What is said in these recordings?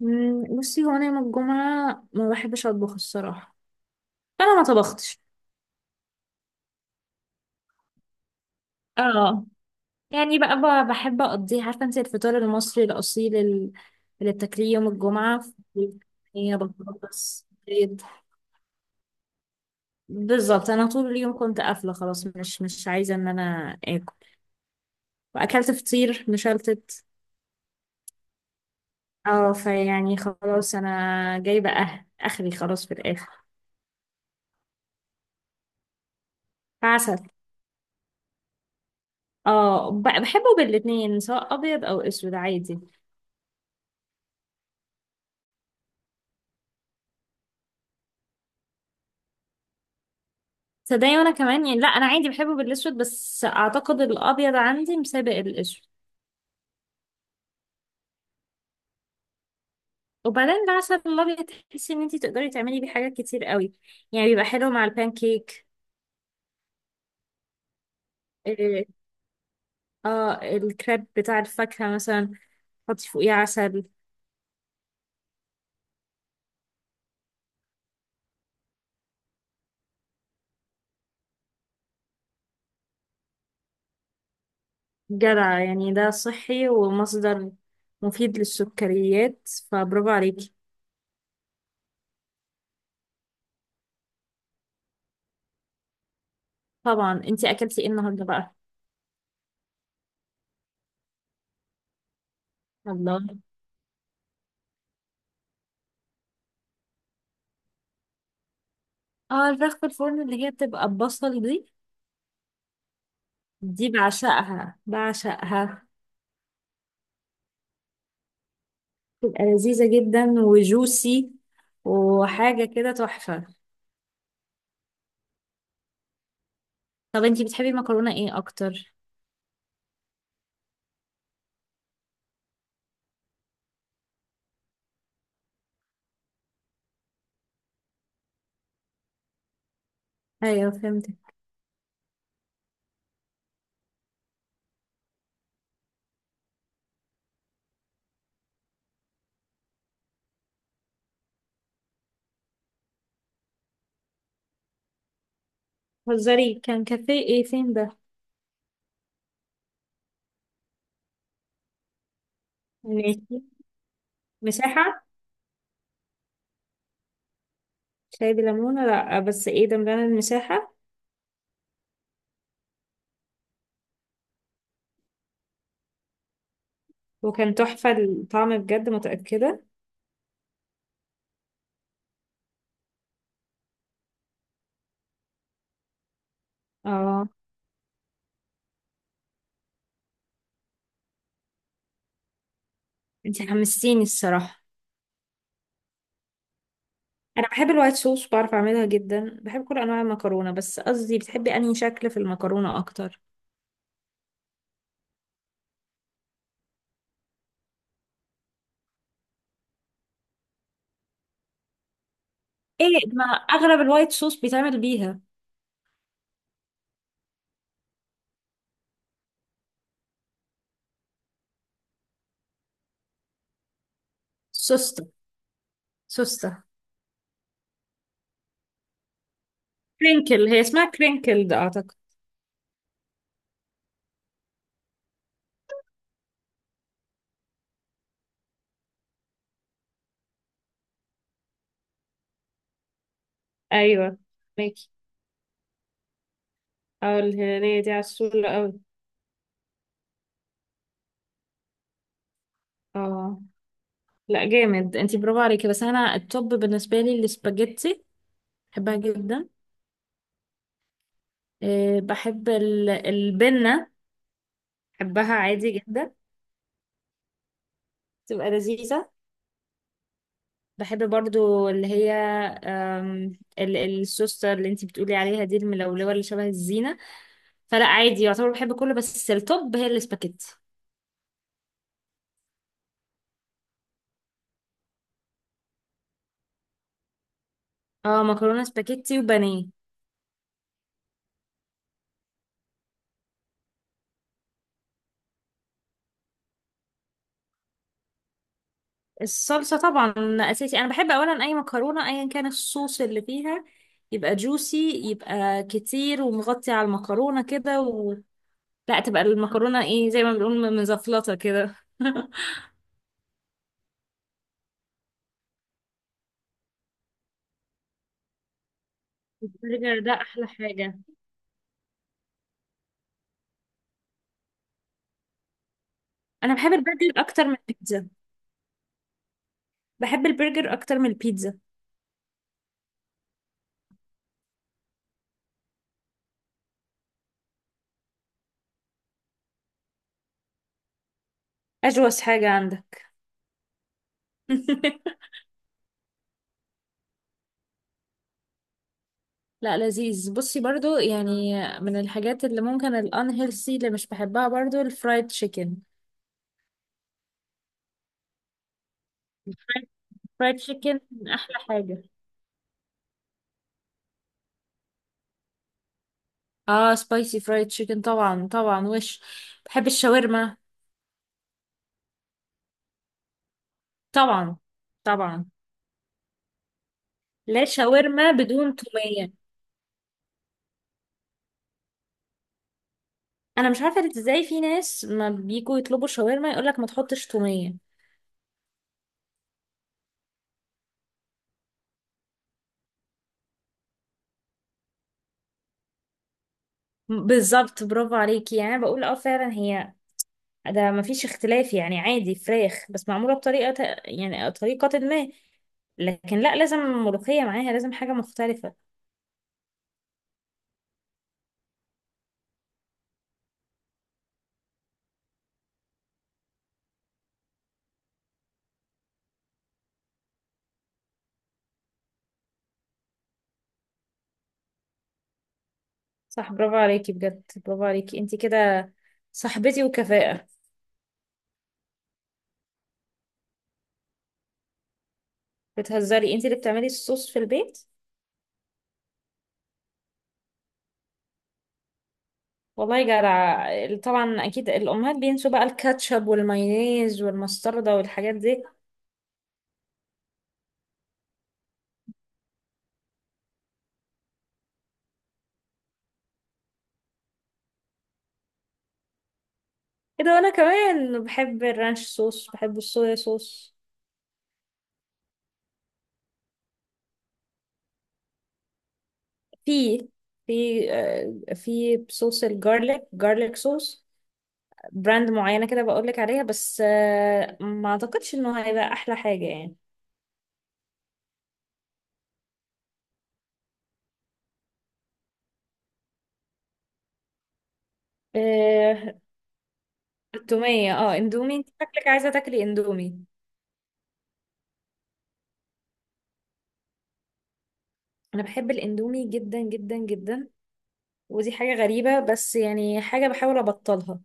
بصي هو انا يوم الجمعه ما بحبش اطبخ الصراحه. فانا ما طبختش. اه، يعني بقى بحب اقضيه، عارفه انت الفطار المصري الاصيل اللي بتاكليه يوم الجمعه، هي بطاطس بيض. بالظبط، انا طول اليوم كنت قافله خلاص، مش عايزه ان انا اكل. واكلت فطير مشلتت. اه، فيعني خلاص انا جايبه اخري خلاص في الاخر. فعسل. اه، بحبه بالاتنين، سواء ابيض او اسود، عادي. صدقني وانا كمان، يعني لا، انا عادي بحبه بالاسود، بس اعتقد الابيض عندي مسابق الاسود. وبعدين العسل الابيض تحسي ان انتي تقدري تعملي بيه حاجات كتير قوي. يعني بيبقى حلو مع البانكيك. اه، الكريب بتاع الفاكهة مثلا، حطي فوقيه عسل. جدع، يعني ده صحي ومصدر مفيد للسكريات، فبرافو عليكي. طبعا. انتي اكلتي ايه النهارده بقى؟ الله. اه، الفراخ في الفرن اللي هي بتبقى بصل دي، دي بعشقها بعشقها. تبقى لذيذة جدا وجوسي، وحاجة كده تحفة. طب انتي بتحبي المكرونة ايه اكتر؟ ايوه، فهمتك. هزاري، كان كافيه ايه فين ده؟ ماشي. مساحة. شاي بليمونة؟ لا، بس ايه ده، مليانة المساحة. وكان تحفة الطعم بجد، متأكدة؟ اه. انتي حمستيني الصراحة. انا بحب الوايت صوص، بعرف اعملها جدا، بحب كل انواع المكرونة، بس قصدي بتحبي انهي شكل في المكرونة اكتر؟ ايه، ما اغلب الوايت صوص بيتعمل بيها. سوسته، سوسته. كرينكل، هي اسمها كرينكل ده اعتقد. ايوه. ميكي. اه الهنية دي عسولة قوي. اه. لا، جامد، انتي برافو عليكي. بس انا التوب بالنسبة لي السباجيتي، بحبها جدا. أه، بحب البنة، بحبها عادي جدا. تبقى لذيذة. بحب برضو اللي هي، السوستر اللي انتي بتقولي عليها دي، الملولوة اللي شبه الزينة. فلا عادي، يعتبر بحب كله، بس التوب هي السباجيتي. اه، مكرونة سباجيتي وبانيه. الصلصة طبعا أساسي. أنا بحب أولا أي مكرونة أيا كان الصوص اللي فيها، يبقى جوسي، يبقى كتير ومغطي على المكرونة كده، لا، تبقى المكرونة إيه، زي ما بنقول مزفلطة كده البرجر ده أحلى حاجة. أنا بحب البرجر أكتر من البيتزا. بحب البرجر أكتر من البيتزا. أجوز حاجة عندك. لا، لذيذ، بصي برضو يعني. من الحاجات اللي ممكن الانهيلثي اللي مش بحبها برضو، الفرايد تشيكن. فرايد تشيكن أحلى حاجة. اه، سبايسي فرايد تشيكن طبعا، طبعا. بحب الشاورما. طبعا، طبعا. لا، شاورما بدون تومية؟ انا مش عارفة ازاي في ناس ما بيجوا يطلبوا شاورما يقولك ما تحطش تومية. بالظبط، برافو عليكي يعني. أنا بقول اه فعلا، هي ده ما فيش اختلاف، يعني عادي فراخ بس معمولة بطريقة، يعني طريقة ما. لكن لا، لازم ملوخية معاها، لازم حاجة مختلفة. صح، برافو عليكي بجد، برافو عليكي انتي كده، صاحبتي وكفاءة. بتهزري؟ انت اللي بتعملي الصوص في البيت؟ والله جدع. طبعا اكيد الامهات بينسوا بقى الكاتشب والمايونيز والمستردة والحاجات دي. ايه ده، وانا كمان بحب الرانش صوص، بحب الصويا صوص. في في في صوص الجارليك، جارليك صوص، براند معينة كده بقولك عليها، بس ما اعتقدش انه هيبقى احلى حاجة يعني. آه، التومية. اه اندومي، انت شكلك عايزة تاكلي اندومي. انا بحب الاندومي جدا جدا جدا. ودي حاجة غريبة، بس يعني حاجة بحاول أبطلها.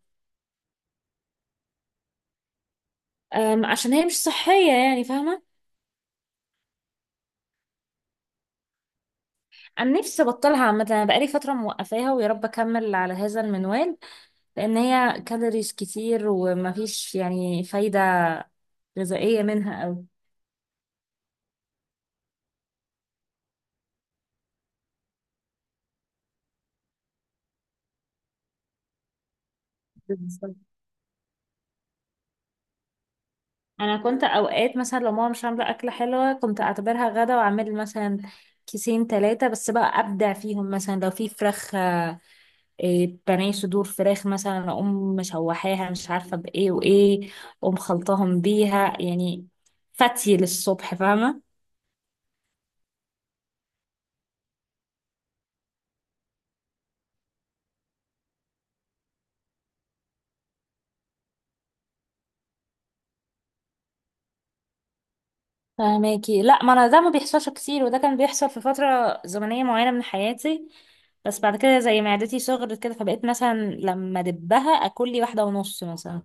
عشان هي مش صحية، يعني فاهمة. أنا نفسي أبطلها عامة، أنا بقالي فترة موقفاها، ويا رب أكمل على هذا المنوال. لأن هي كالوريز كتير، ومفيش يعني فايدة غذائية منها أوي. بالظبط. أنا كنت أوقات مثلا لو ماما مش عاملة أكلة حلوة كنت أعتبرها غدا، وأعمل مثلا كيسين تلاتة، بس بقى أبدع فيهم. مثلا لو في فراخ، إيه، بانيه صدور فراخ مثلا، اقوم مشوحاها مش عارفه بايه وايه، اقوم خلطاهم بيها يعني، فتي للصبح، فاهمه. فاهماكي. لا، ما انا ده ما بيحصلش كتير، وده كان بيحصل في فتره زمنيه معينه من حياتي. بس بعد كده زي معدتي صغرت كده، فبقيت مثلا لما دبها اكل لي واحده ونص مثلا.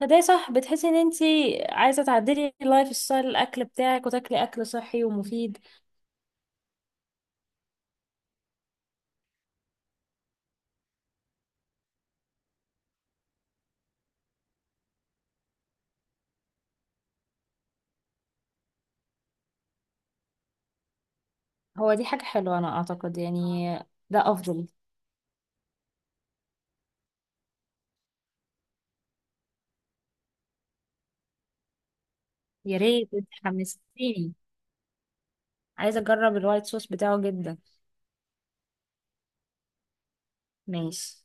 فده صح، بتحسي ان انتي عايزه تعدلي اللايف ستايل الاكل بتاعك وتاكلي اكل صحي ومفيد. هو دي حاجه حلوه انا اعتقد يعني، ده افضل. يا ريت. انت حمستيني، عايزه اجرب الوايت صوص بتاعه جدا. ماشي.